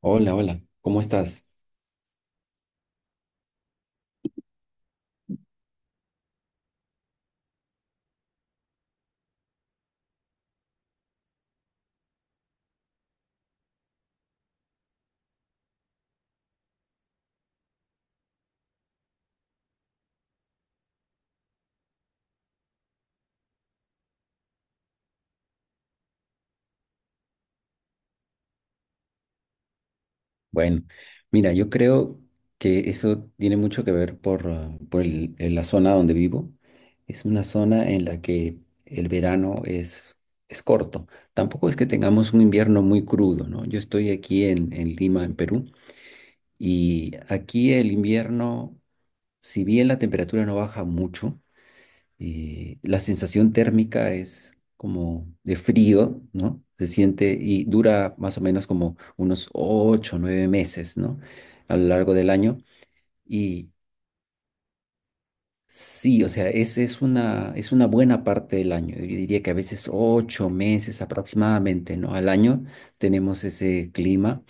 Hola, hola, ¿cómo estás? Bueno, mira, yo creo que eso tiene mucho que ver por la zona donde vivo. Es una zona en la que el verano es corto. Tampoco es que tengamos un invierno muy crudo, ¿no? Yo estoy aquí en Lima, en Perú, y aquí el invierno, si bien la temperatura no baja mucho, la sensación térmica es como de frío, ¿no? Se siente y dura más o menos como unos 8 o 9 meses, ¿no? A lo largo del año. Y sí, o sea, es una buena parte del año. Yo diría que a veces 8 meses aproximadamente, ¿no? Al año tenemos ese clima.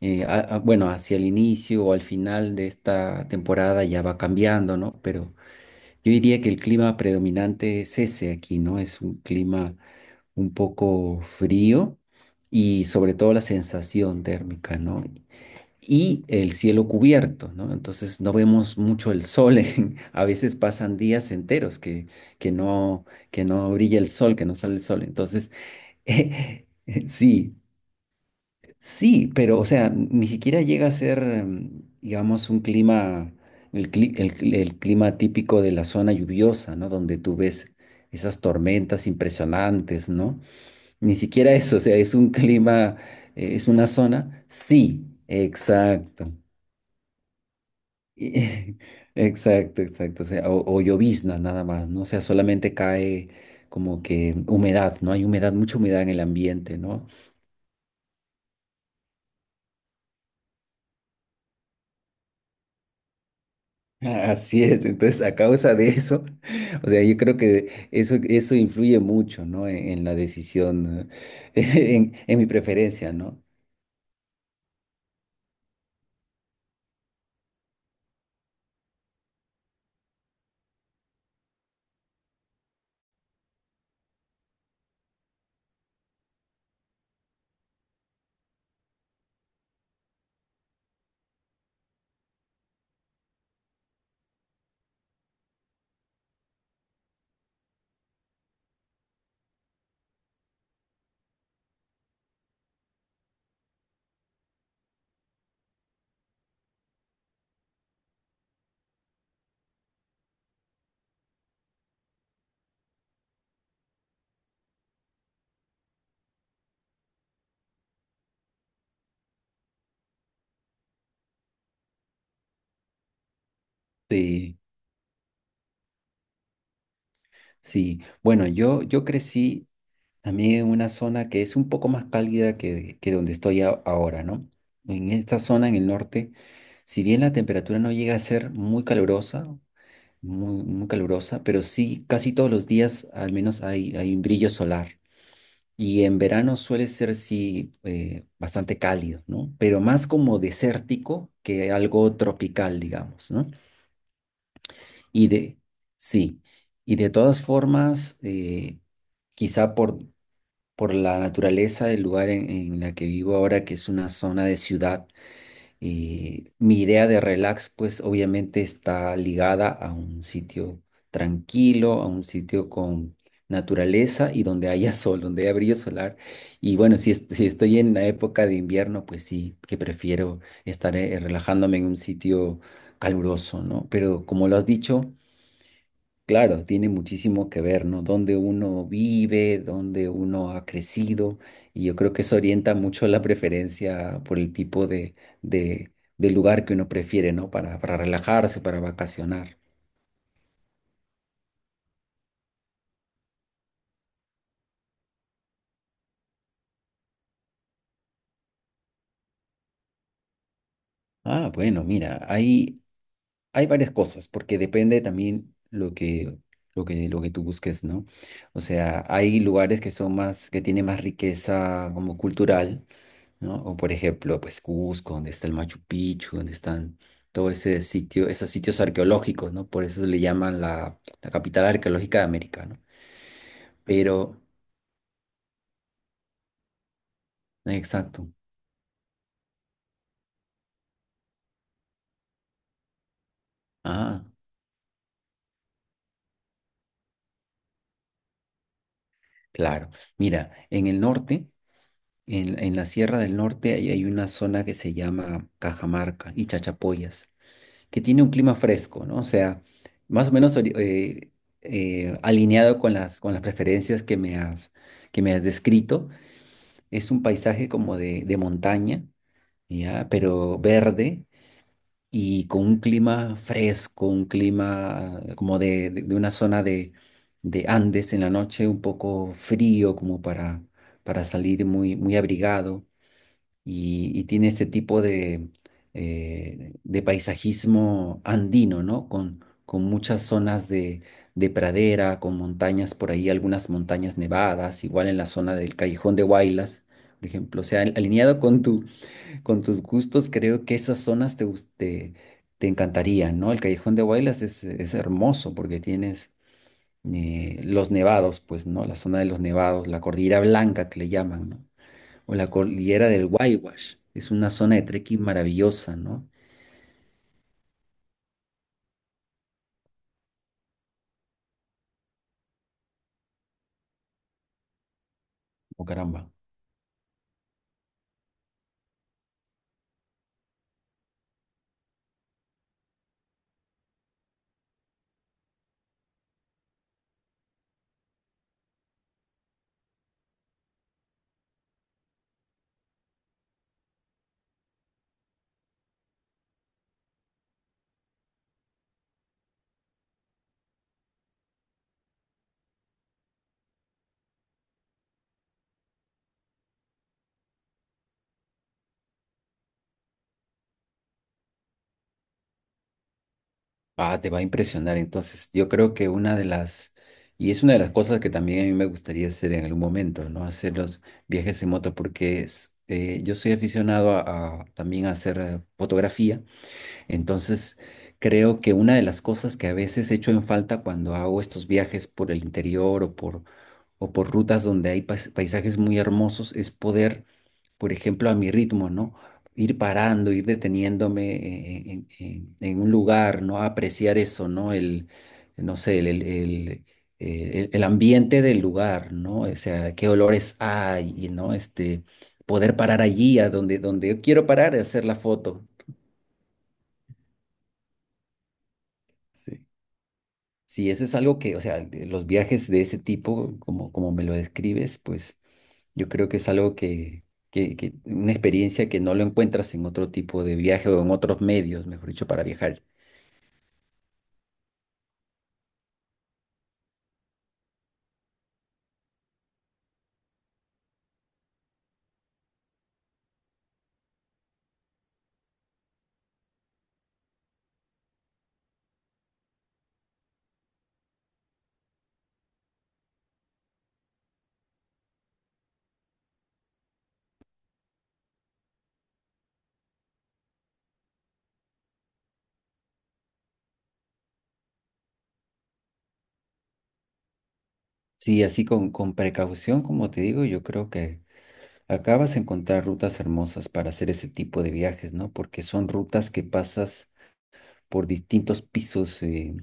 Bueno, hacia el inicio o al final de esta temporada ya va cambiando, ¿no? Pero yo diría que el clima predominante es ese aquí, ¿no? Es un clima un poco frío y sobre todo la sensación térmica, ¿no? Y el cielo cubierto, ¿no? Entonces no vemos mucho el sol. A veces pasan días enteros que no, que no brilla el sol, que no sale el sol. Entonces, eh, sí, sí, pero o sea, ni siquiera llega a ser, digamos, un clima, el clima típico de la zona lluviosa, ¿no? Donde tú ves esas tormentas impresionantes, ¿no? Ni siquiera eso, o sea, es un clima, es una zona. Sí, exacto. Y- Exacto, exacto. O sea, o llovizna nada más, ¿no? O sea, solamente cae como que humedad, ¿no? Hay humedad, mucha humedad en el ambiente, ¿no? Así es, entonces a causa de eso, o sea, yo creo que eso influye mucho, ¿no? En la decisión, en mi preferencia, ¿no? Sí, sí. Bueno, yo crecí. A mí, en una zona que es un poco más cálida que donde estoy ahora, ¿no? En esta zona, en el norte, si bien la temperatura no llega a ser muy calurosa, muy, muy calurosa, pero sí casi todos los días al menos hay un brillo solar. Y en verano suele ser, sí, bastante cálido, ¿no? Pero más como desértico que algo tropical, digamos, ¿no? Y de, sí, y de todas formas, quizá por la naturaleza del lugar en la que vivo ahora, que es una zona de ciudad, y mi idea de relax, pues obviamente está ligada a un sitio tranquilo, a un sitio con naturaleza y donde haya sol, donde haya brillo solar. Y bueno, si estoy en la época de invierno, pues sí, que prefiero estar relajándome en un sitio caluroso, ¿no? Pero como lo has dicho, claro, tiene muchísimo que ver, ¿no? Dónde uno vive, dónde uno ha crecido, y yo creo que eso orienta mucho la preferencia por el tipo de, de lugar que uno prefiere, ¿no? Para relajarse, para vacacionar. Ah, bueno, mira, hay varias cosas, porque depende también lo que tú busques, ¿no? O sea, hay lugares que son más, que tienen más riqueza como cultural, ¿no? O por ejemplo, pues Cusco, donde está el Machu Picchu, donde están todo ese sitio, esos sitios arqueológicos, ¿no? Por eso le llaman la capital arqueológica de América, ¿no? Pero, exacto. Ah, claro. Mira, en el norte, en la Sierra del Norte, hay una zona que se llama Cajamarca y Chachapoyas, que tiene un clima fresco, ¿no? O sea, más o menos alineado con las preferencias que me has descrito. Es un paisaje como de montaña, ¿ya? Pero verde y con un clima fresco, un clima como de una zona de Andes en la noche, un poco frío como para salir muy, muy abrigado y tiene este tipo de paisajismo andino, ¿no? Con muchas zonas de pradera, con montañas por ahí, algunas montañas nevadas, igual en la zona del Callejón de Huaylas, por ejemplo. O sea, alineado con tus gustos, creo que esas zonas te encantarían, ¿no? El Callejón de Huaylas es hermoso porque tienes los nevados, pues, ¿no? La zona de los nevados, la Cordillera Blanca que le llaman, ¿no? O la Cordillera del Waiwash. Es una zona de trekking maravillosa, ¿no? Oh, caramba. Ah, te va a impresionar. Entonces, yo creo que una de las, y es una de las cosas que también a mí me gustaría hacer en algún momento, ¿no? Hacer los viajes en moto, porque yo soy aficionado a también a hacer fotografía. Entonces, creo que una de las cosas que a veces echo en falta cuando hago estos viajes por el interior o por rutas donde hay paisajes muy hermosos, es poder, por ejemplo, a mi ritmo, ¿no? Ir parando, ir deteniéndome en un lugar, ¿no? Apreciar eso, ¿no? El, no sé, el ambiente del lugar, ¿no? O sea, qué olores hay, ¿no? Poder parar allí, donde yo quiero parar, y hacer la foto. Sí. Sí, eso es algo que, o sea, los viajes de ese tipo, como me lo describes, pues yo creo que es algo una experiencia que no lo encuentras en otro tipo de viaje o en otros medios, mejor dicho, para viajar. Sí, así con precaución, como te digo, yo creo que acabas de encontrar rutas hermosas para hacer ese tipo de viajes, ¿no? Porque son rutas que pasas por distintos pisos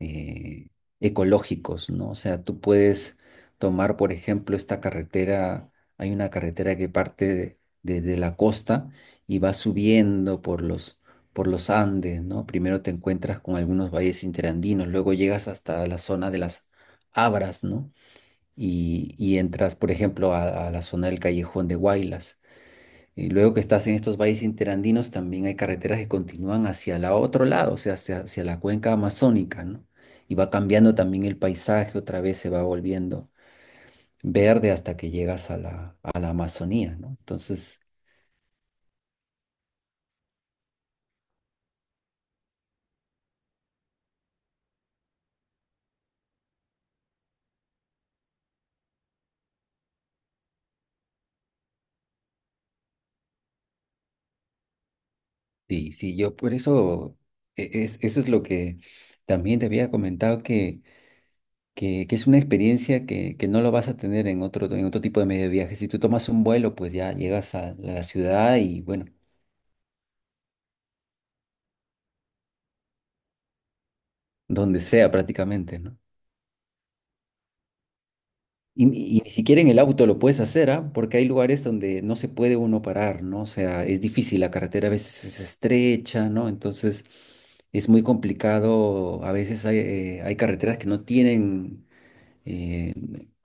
eh, ecológicos, ¿no? O sea, tú puedes tomar, por ejemplo, esta carretera, hay una carretera que parte desde la costa y va subiendo por los Andes, ¿no? Primero te encuentras con algunos valles interandinos, luego llegas hasta la zona de las Abras, ¿no? Y entras, por ejemplo, a la zona del Callejón de Huaylas. Y luego que estás en estos valles interandinos, también hay carreteras que continúan hacia el otro lado, o sea, hacia la cuenca amazónica, ¿no? Y va cambiando también el paisaje, otra vez se va volviendo verde hasta que llegas a la Amazonía, ¿no? Entonces, sí, sí, yo por eso, eso es lo que también te había comentado, que es una experiencia que no lo vas a tener en otro tipo de medio de viaje. Si tú tomas un vuelo, pues ya llegas a la ciudad y bueno, donde sea prácticamente, ¿no? Y ni siquiera en el auto lo puedes hacer, ¿ah? Porque hay lugares donde no se puede uno parar, ¿no? O sea, es difícil, la carretera a veces es estrecha, ¿no? Entonces es muy complicado, a veces hay carreteras que no tienen eh,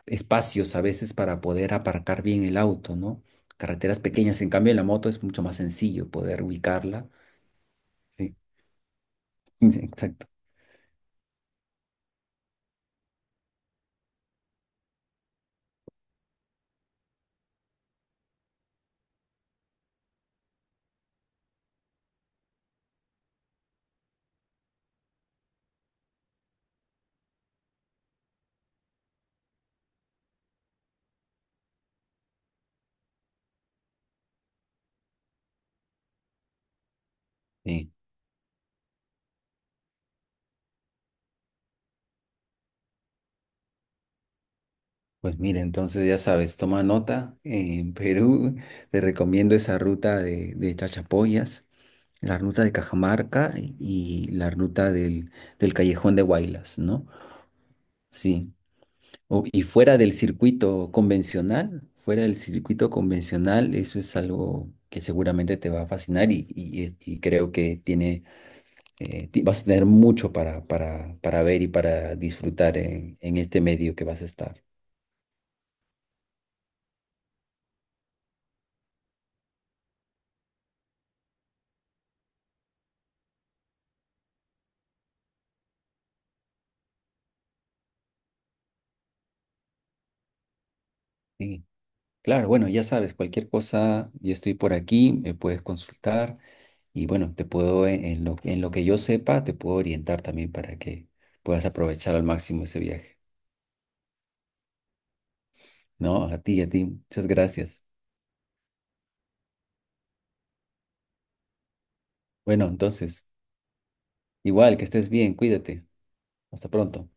espacios a veces para poder aparcar bien el auto, ¿no? Carreteras pequeñas, en cambio en la moto es mucho más sencillo poder ubicarla. Sí, exacto. Sí. Pues mira, entonces ya sabes, toma nota, en Perú te recomiendo esa ruta de Chachapoyas, la ruta de Cajamarca y la ruta del Callejón de Huaylas, ¿no? Sí. Y fuera del circuito convencional, fuera del circuito convencional, eso es algo que seguramente te va a fascinar y creo que vas a tener mucho para ver y para disfrutar en este medio que vas a estar. Sí. Claro, bueno, ya sabes, cualquier cosa, yo estoy por aquí, me puedes consultar y bueno, te puedo, en lo que yo sepa, te puedo orientar también para que puedas aprovechar al máximo ese viaje. No, a ti, muchas gracias. Bueno, entonces, igual, que estés bien, cuídate. Hasta pronto.